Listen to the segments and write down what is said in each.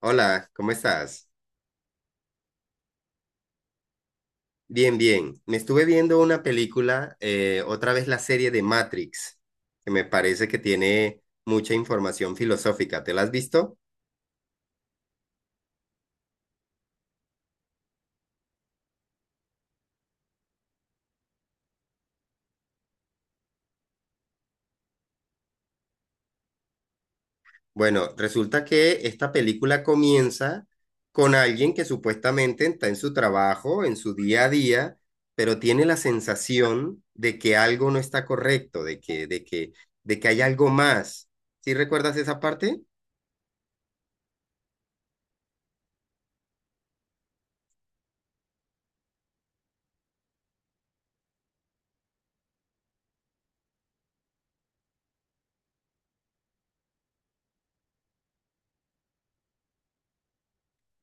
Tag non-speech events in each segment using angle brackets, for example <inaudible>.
Hola, ¿cómo estás? Bien, bien. Me estuve viendo una película, otra vez la serie de Matrix, que me parece que tiene mucha información filosófica. ¿Te la has visto? Bueno, resulta que esta película comienza con alguien que supuestamente está en su trabajo, en su día a día, pero tiene la sensación de que algo no está correcto, de que hay algo más. ¿Sí recuerdas esa parte?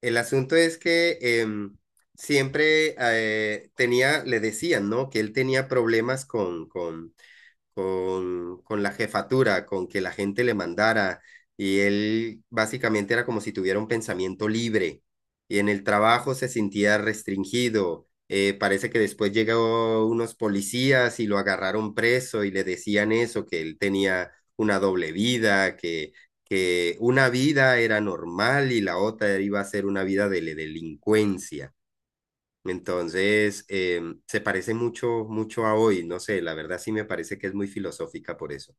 El asunto es que siempre tenía, le decían, ¿no? Que él tenía problemas con la jefatura, con que la gente le mandara, y él básicamente era como si tuviera un pensamiento libre, y en el trabajo se sentía restringido. Parece que después llegó unos policías y lo agarraron preso y le decían eso, que él tenía una doble vida, que una vida era normal y la otra iba a ser una vida de la delincuencia. Entonces, se parece mucho, mucho a hoy, no sé, la verdad sí me parece que es muy filosófica por eso.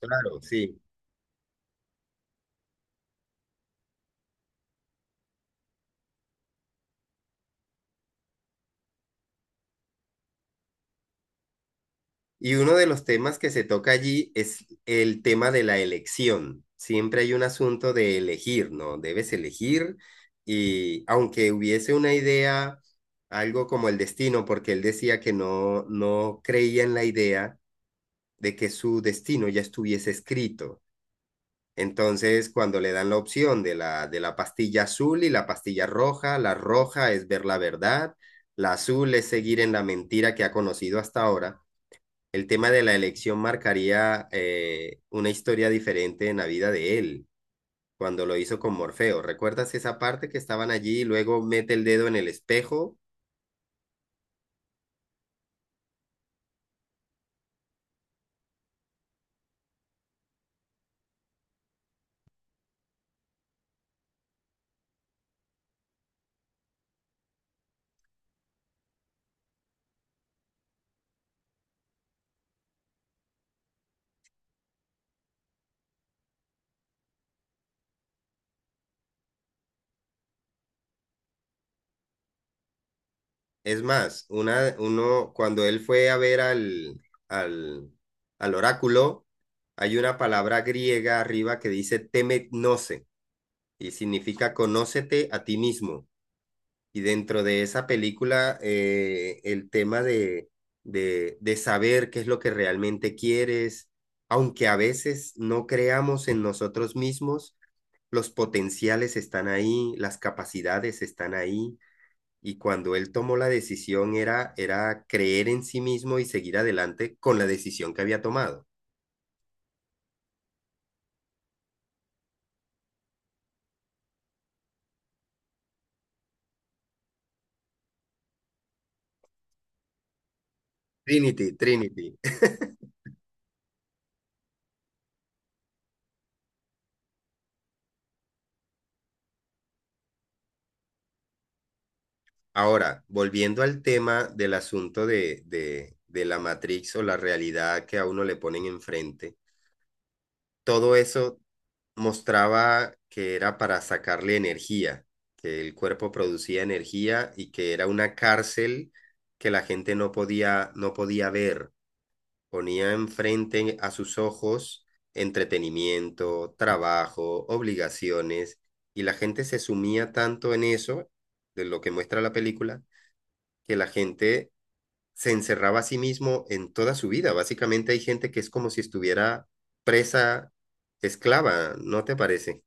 Claro, sí. Y uno de los temas que se toca allí es el tema de la elección. Siempre hay un asunto de elegir, ¿no? Debes elegir y aunque hubiese una idea, algo como el destino, porque él decía que no, no creía en la idea de que su destino ya estuviese escrito. Entonces, cuando le dan la opción de la pastilla azul y la pastilla roja, la roja es ver la verdad, la azul es seguir en la mentira que ha conocido hasta ahora. El tema de la elección marcaría una historia diferente en la vida de él, cuando lo hizo con Morfeo. ¿Recuerdas esa parte que estaban allí y luego mete el dedo en el espejo? Es más, una, uno, cuando él fue a ver al, al oráculo, hay una palabra griega arriba que dice temetnose y significa conócete a ti mismo. Y dentro de esa película, el tema de saber qué es lo que realmente quieres, aunque a veces no creamos en nosotros mismos, los potenciales están ahí, las capacidades están ahí y cuando él tomó la decisión era, era creer en sí mismo y seguir adelante con la decisión que había tomado. Trinity, Trinity. Ahora, volviendo al tema del asunto de la Matrix o la realidad que a uno le ponen enfrente, todo eso mostraba que era para sacarle energía, que el cuerpo producía energía y que era una cárcel que la gente no podía ver. Ponía enfrente a sus ojos entretenimiento, trabajo, obligaciones, y la gente se sumía tanto en eso, de lo que muestra la película, que la gente se encerraba a sí mismo en toda su vida. Básicamente hay gente que es como si estuviera presa, esclava, ¿no te parece?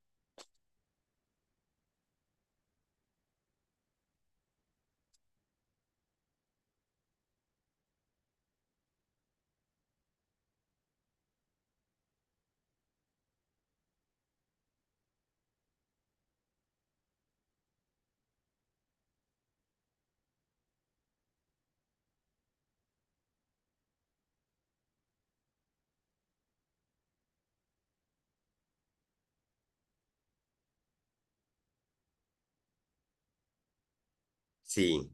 Sí.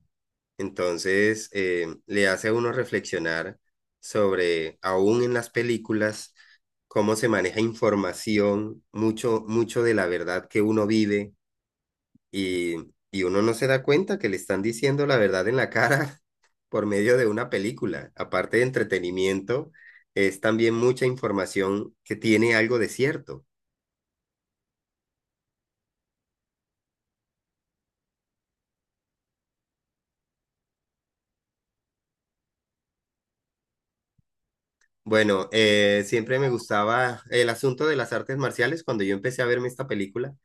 Entonces, le hace a uno reflexionar sobre, aún en las películas, cómo se maneja información, mucho, mucho de la verdad que uno vive y, y uno no se da cuenta que le están diciendo la verdad en la cara <laughs> por medio de una película. Aparte de entretenimiento, es también mucha información que tiene algo de cierto. Bueno, siempre me gustaba el asunto de las artes marciales cuando yo empecé a verme esta película,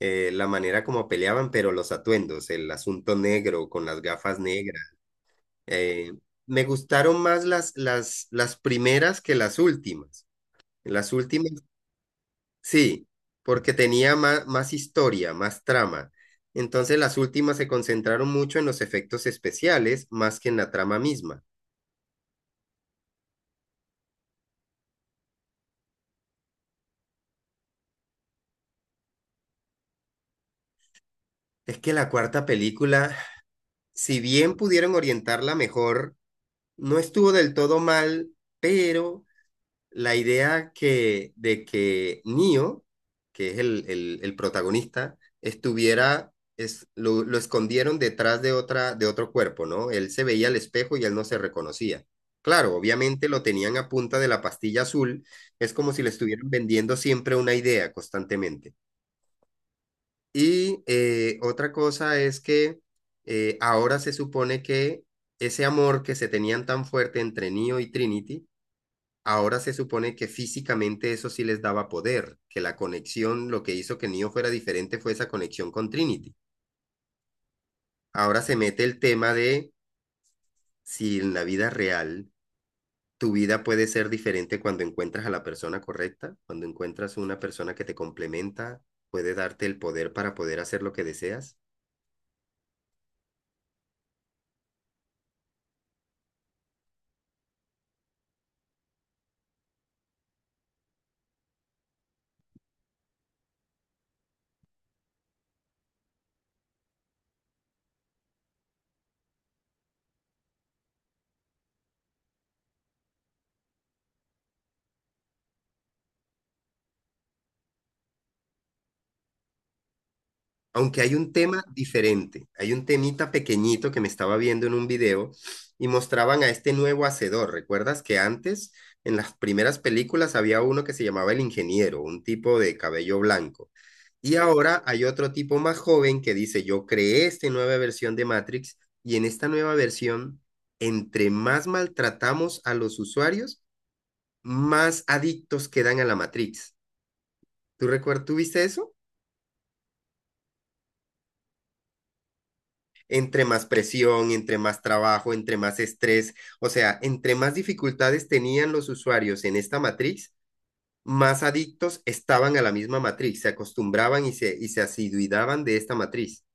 la manera como peleaban, pero los atuendos, el asunto negro con las gafas negras. eh, me gustaron más las primeras que las últimas. Las últimas, sí, porque tenía más, más historia, más trama. Entonces las últimas se concentraron mucho en los efectos especiales más que en la trama misma. Es que la cuarta película, si bien pudieron orientarla mejor, no estuvo del todo mal, pero la idea que, de que Neo, que es el protagonista, estuviera, es, lo escondieron detrás de, otra, de otro cuerpo, ¿no? Él se veía al espejo y él no se reconocía. Claro, obviamente lo tenían a punta de la pastilla azul, es como si le estuvieran vendiendo siempre una idea constantemente. Y otra cosa es que ahora se supone que ese amor que se tenían tan fuerte entre Neo y Trinity, ahora se supone que físicamente eso sí les daba poder, que la conexión, lo que hizo que Neo fuera diferente fue esa conexión con Trinity. Ahora se mete el tema de si en la vida real tu vida puede ser diferente cuando encuentras a la persona correcta, cuando encuentras una persona que te complementa, puede darte el poder para poder hacer lo que deseas. Aunque hay un tema diferente, hay un temita pequeñito que me estaba viendo en un video y mostraban a este nuevo hacedor. ¿Recuerdas que antes, en las primeras películas, había uno que se llamaba el ingeniero, un tipo de cabello blanco? Y ahora hay otro tipo más joven que dice, yo creé esta nueva versión de Matrix y en esta nueva versión, entre más maltratamos a los usuarios, más adictos quedan a la Matrix. ¿Tú recuerdas, tú viste eso? Entre más presión, entre más trabajo, entre más estrés, o sea, entre más dificultades tenían los usuarios en esta matriz, más adictos estaban a la misma matriz, se acostumbraban y y se asiduidaban de esta matriz.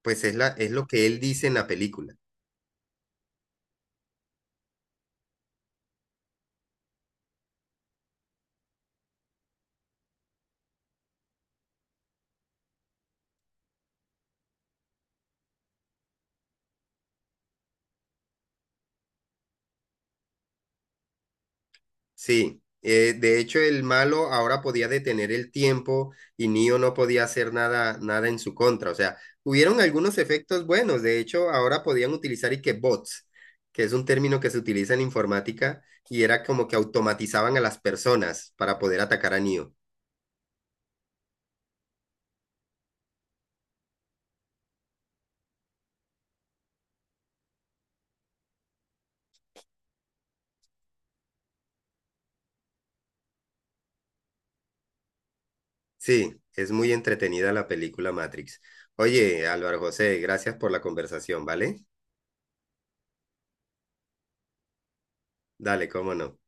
Pues es, la, es lo que él dice en la película. Sí, de hecho el malo ahora podía detener el tiempo y Neo no podía hacer nada, nada en su contra. O sea, hubieron algunos efectos buenos. De hecho, ahora podían utilizar y que bots, que es un término que se utiliza en informática y era como que automatizaban a las personas para poder atacar a Neo. Sí, es muy entretenida la película Matrix. Oye, Álvaro José, gracias por la conversación, ¿vale? Dale, cómo no.